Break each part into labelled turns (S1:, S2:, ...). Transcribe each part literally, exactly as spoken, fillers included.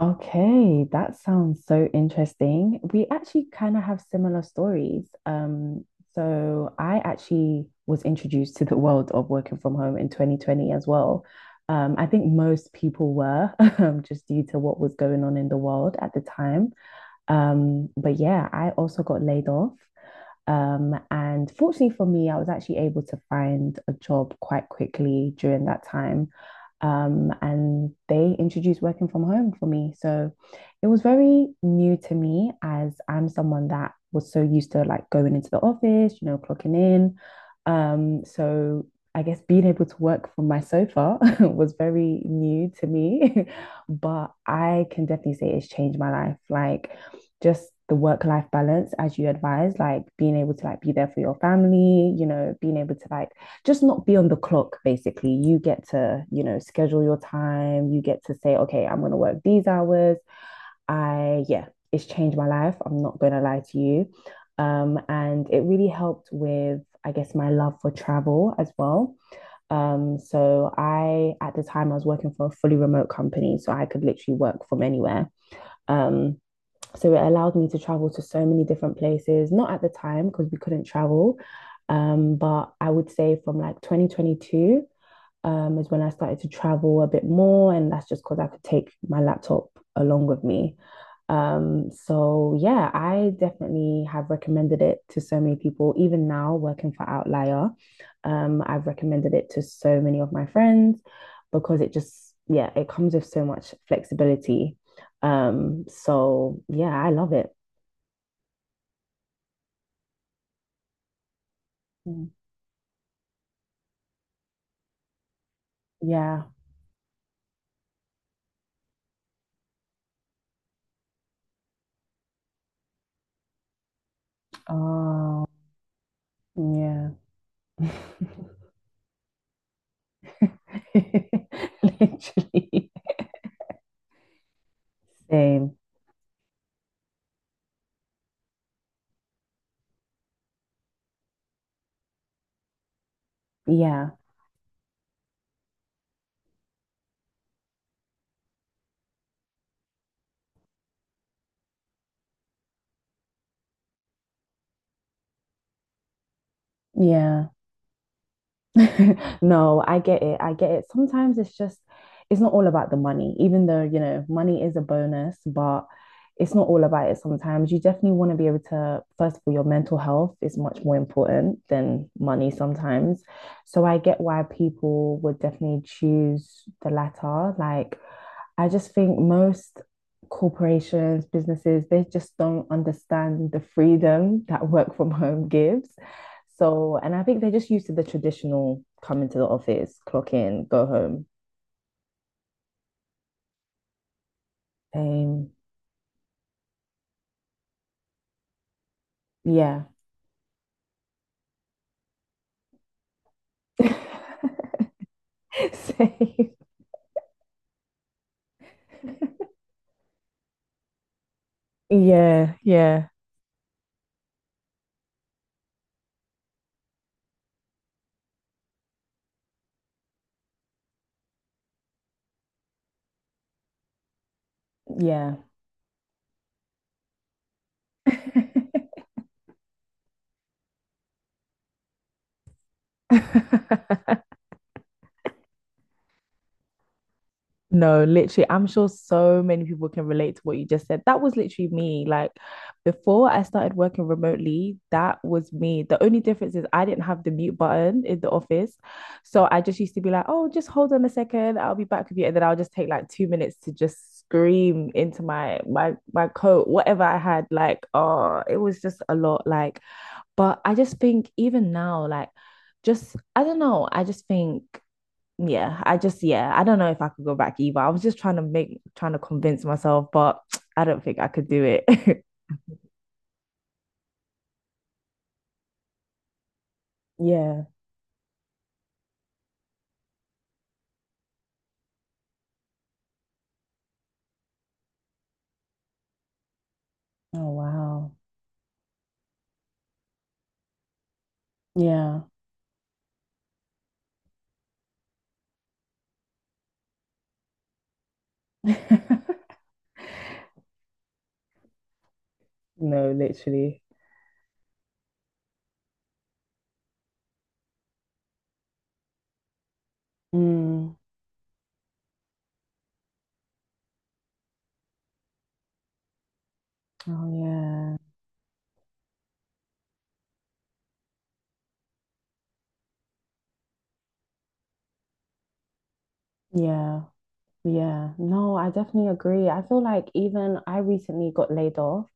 S1: Okay, that sounds so interesting. We actually kind of have similar stories. Um, so I actually was introduced to the world of working from home in twenty twenty as well. Um, I think most people were, um, just due to what was going on in the world at the time. Um, but yeah, I also got laid off. Um, and fortunately for me, I was actually able to find a job quite quickly during that time. Um, and they introduced working from home for me. So it was very new to me as I'm someone that was so used to like going into the office, you know, clocking in. Um, so I guess being able to work from my sofa was very new to me, but I can definitely say it's changed my life. Like just the work life balance as you advise, like being able to like be there for your family, you know, being able to like just not be on the clock basically. You get to, you know, schedule your time. You get to say, okay, I'm going to work these hours. I yeah it's changed my life. I'm not going to lie to you. Um and it really helped with I guess my love for travel as well. Um, so I, at the time, I was working for a fully remote company, so I could literally work from anywhere. Um, so it allowed me to travel to so many different places, not at the time because we couldn't travel. Um, but I would say from like twenty twenty-two, um, is when I started to travel a bit more. And that's just because I could take my laptop along with me. Um, so yeah, I definitely have recommended it to so many people. Even now, working for Outlier, um, I've recommended it to so many of my friends because it just, yeah, it comes with so much flexibility. Um, so yeah, I love it. Mm. Yeah. Oh, yeah. Literally. Same. Yeah. Yeah. No, I get it. I get it. Sometimes it's just, it's not all about the money, even though, you know, money is a bonus, but it's not all about it sometimes. You definitely want to be able to, first of all, your mental health is much more important than money sometimes. So I get why people would definitely choose the latter. Like, I just think most corporations, businesses, they just don't understand the freedom that work from home gives. So, and I think they're just used to the traditional come into the office, clock in, go home. Um, yeah. Same. Yeah, yeah, yeah. No, literally, I'm sure so many people can relate to what you just said. That was literally me. Like before I started working remotely, that was me. The only difference is I didn't have the mute button in the office. So I just used to be like, oh, just hold on a second, I'll be back with you. And then I'll just take like two minutes to just scream into my my my coat, whatever I had. Like, oh, it was just a lot. Like, but I just think even now, like just I don't know, I just think yeah, I just yeah, I don't know if I could go back either. I was just trying to make trying to convince myself, but I don't think I could do it. Yeah. Oh, wow. Yeah. No, literally. Mm. Oh, yeah. Yeah. Yeah, no, I definitely agree. I feel like even I recently got laid off,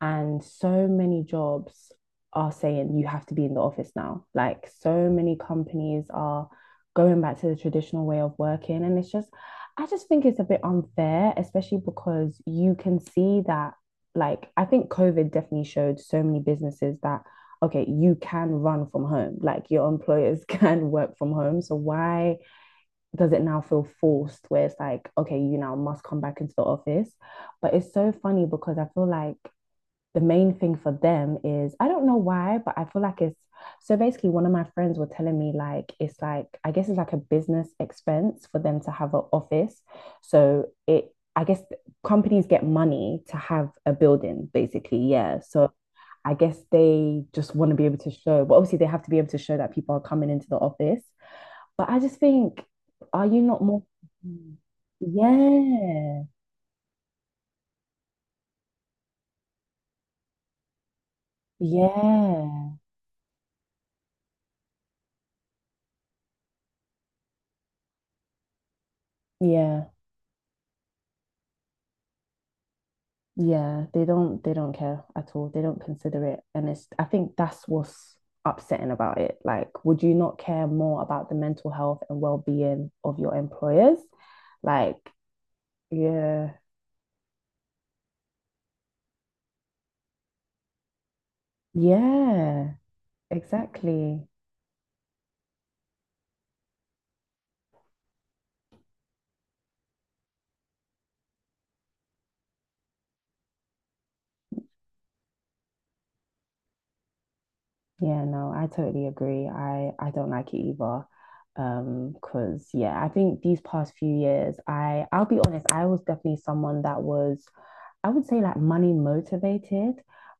S1: and so many jobs are saying you have to be in the office now. Like, so many companies are going back to the traditional way of working. And it's just, I just think it's a bit unfair, especially because you can see that, like, I think COVID definitely showed so many businesses that, okay, you can run from home, like, your employers can work from home. So, why does it now feel forced where it's like, okay, you now must come back into the office? But it's so funny because I feel like the main thing for them is I don't know why, but I feel like it's so basically one of my friends were telling me like it's like I guess it's like a business expense for them to have an office. So it I guess companies get money to have a building basically, yeah. So I guess they just want to be able to show, but obviously they have to be able to show that people are coming into the office. But I just think, are you not more? Mm. Yeah, yeah, yeah, yeah. They don't, they don't care at all. They don't consider it, and it's. I think that's what's upsetting about it. Like, would you not care more about the mental health and well-being of your employers? Like, yeah, yeah, exactly. Yeah, no, I totally agree. I I don't like it either. Um, because yeah, I think these past few years, I I'll be honest, I was definitely someone that was, I would say like money motivated,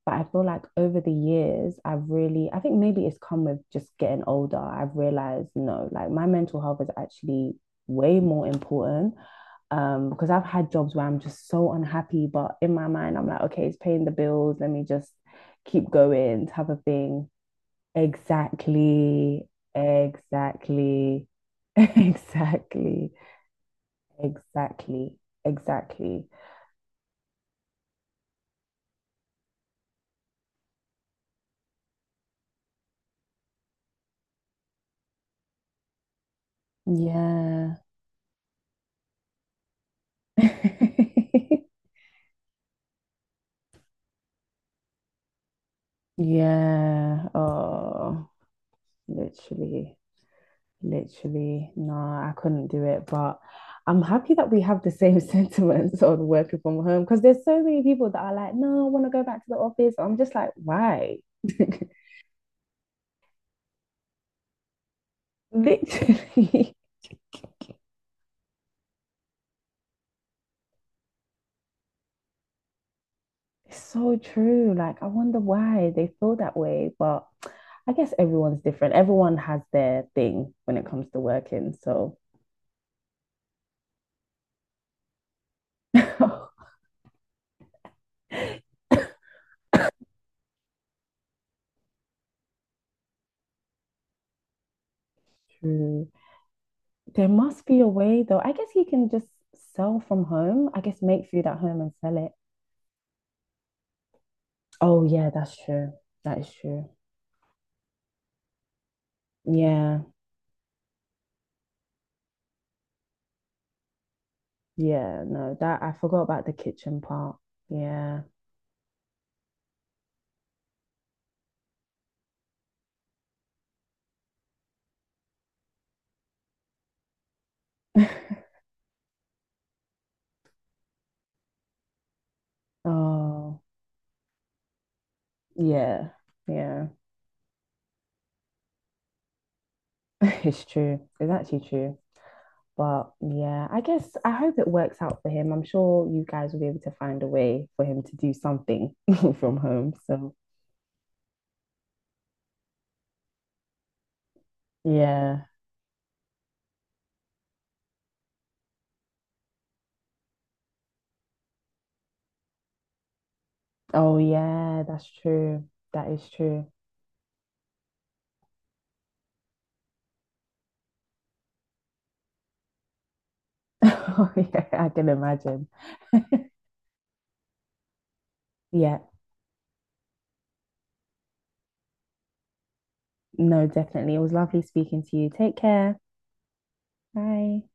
S1: but I feel like over the years, I've really, I think maybe it's come with just getting older. I've realized no, like my mental health is actually way more important. Um, because I've had jobs where I'm just so unhappy, but in my mind, I'm like, okay, it's paying the bills. Let me just keep going, type of thing. Exactly, exactly, exactly, exactly, exactly. Yeah. Yeah. Oh, literally, literally. No, I couldn't do it. But I'm happy that we have the same sentiments on working from home because there's so many people that are like, no, I want to go back to the office. I'm just like, why? Literally. It's so true. Like, I wonder why they feel that way. But I guess everyone's different. Everyone has their thing when it comes to working. So true, there must be a way, though. I guess you can just sell from home. I guess make food at home and sell it. Oh, yeah, that's true. That is true. Yeah. Yeah. No, that I forgot about the kitchen part. Yeah. Oh, yeah. Yeah. It's true. It's actually true. But yeah, I guess I hope it works out for him. I'm sure you guys will be able to find a way for him to do something from home. So yeah. Oh yeah, that's true. That is true. Oh yeah, I can imagine. Yeah, no, definitely. It was lovely speaking to you. Take care. Bye.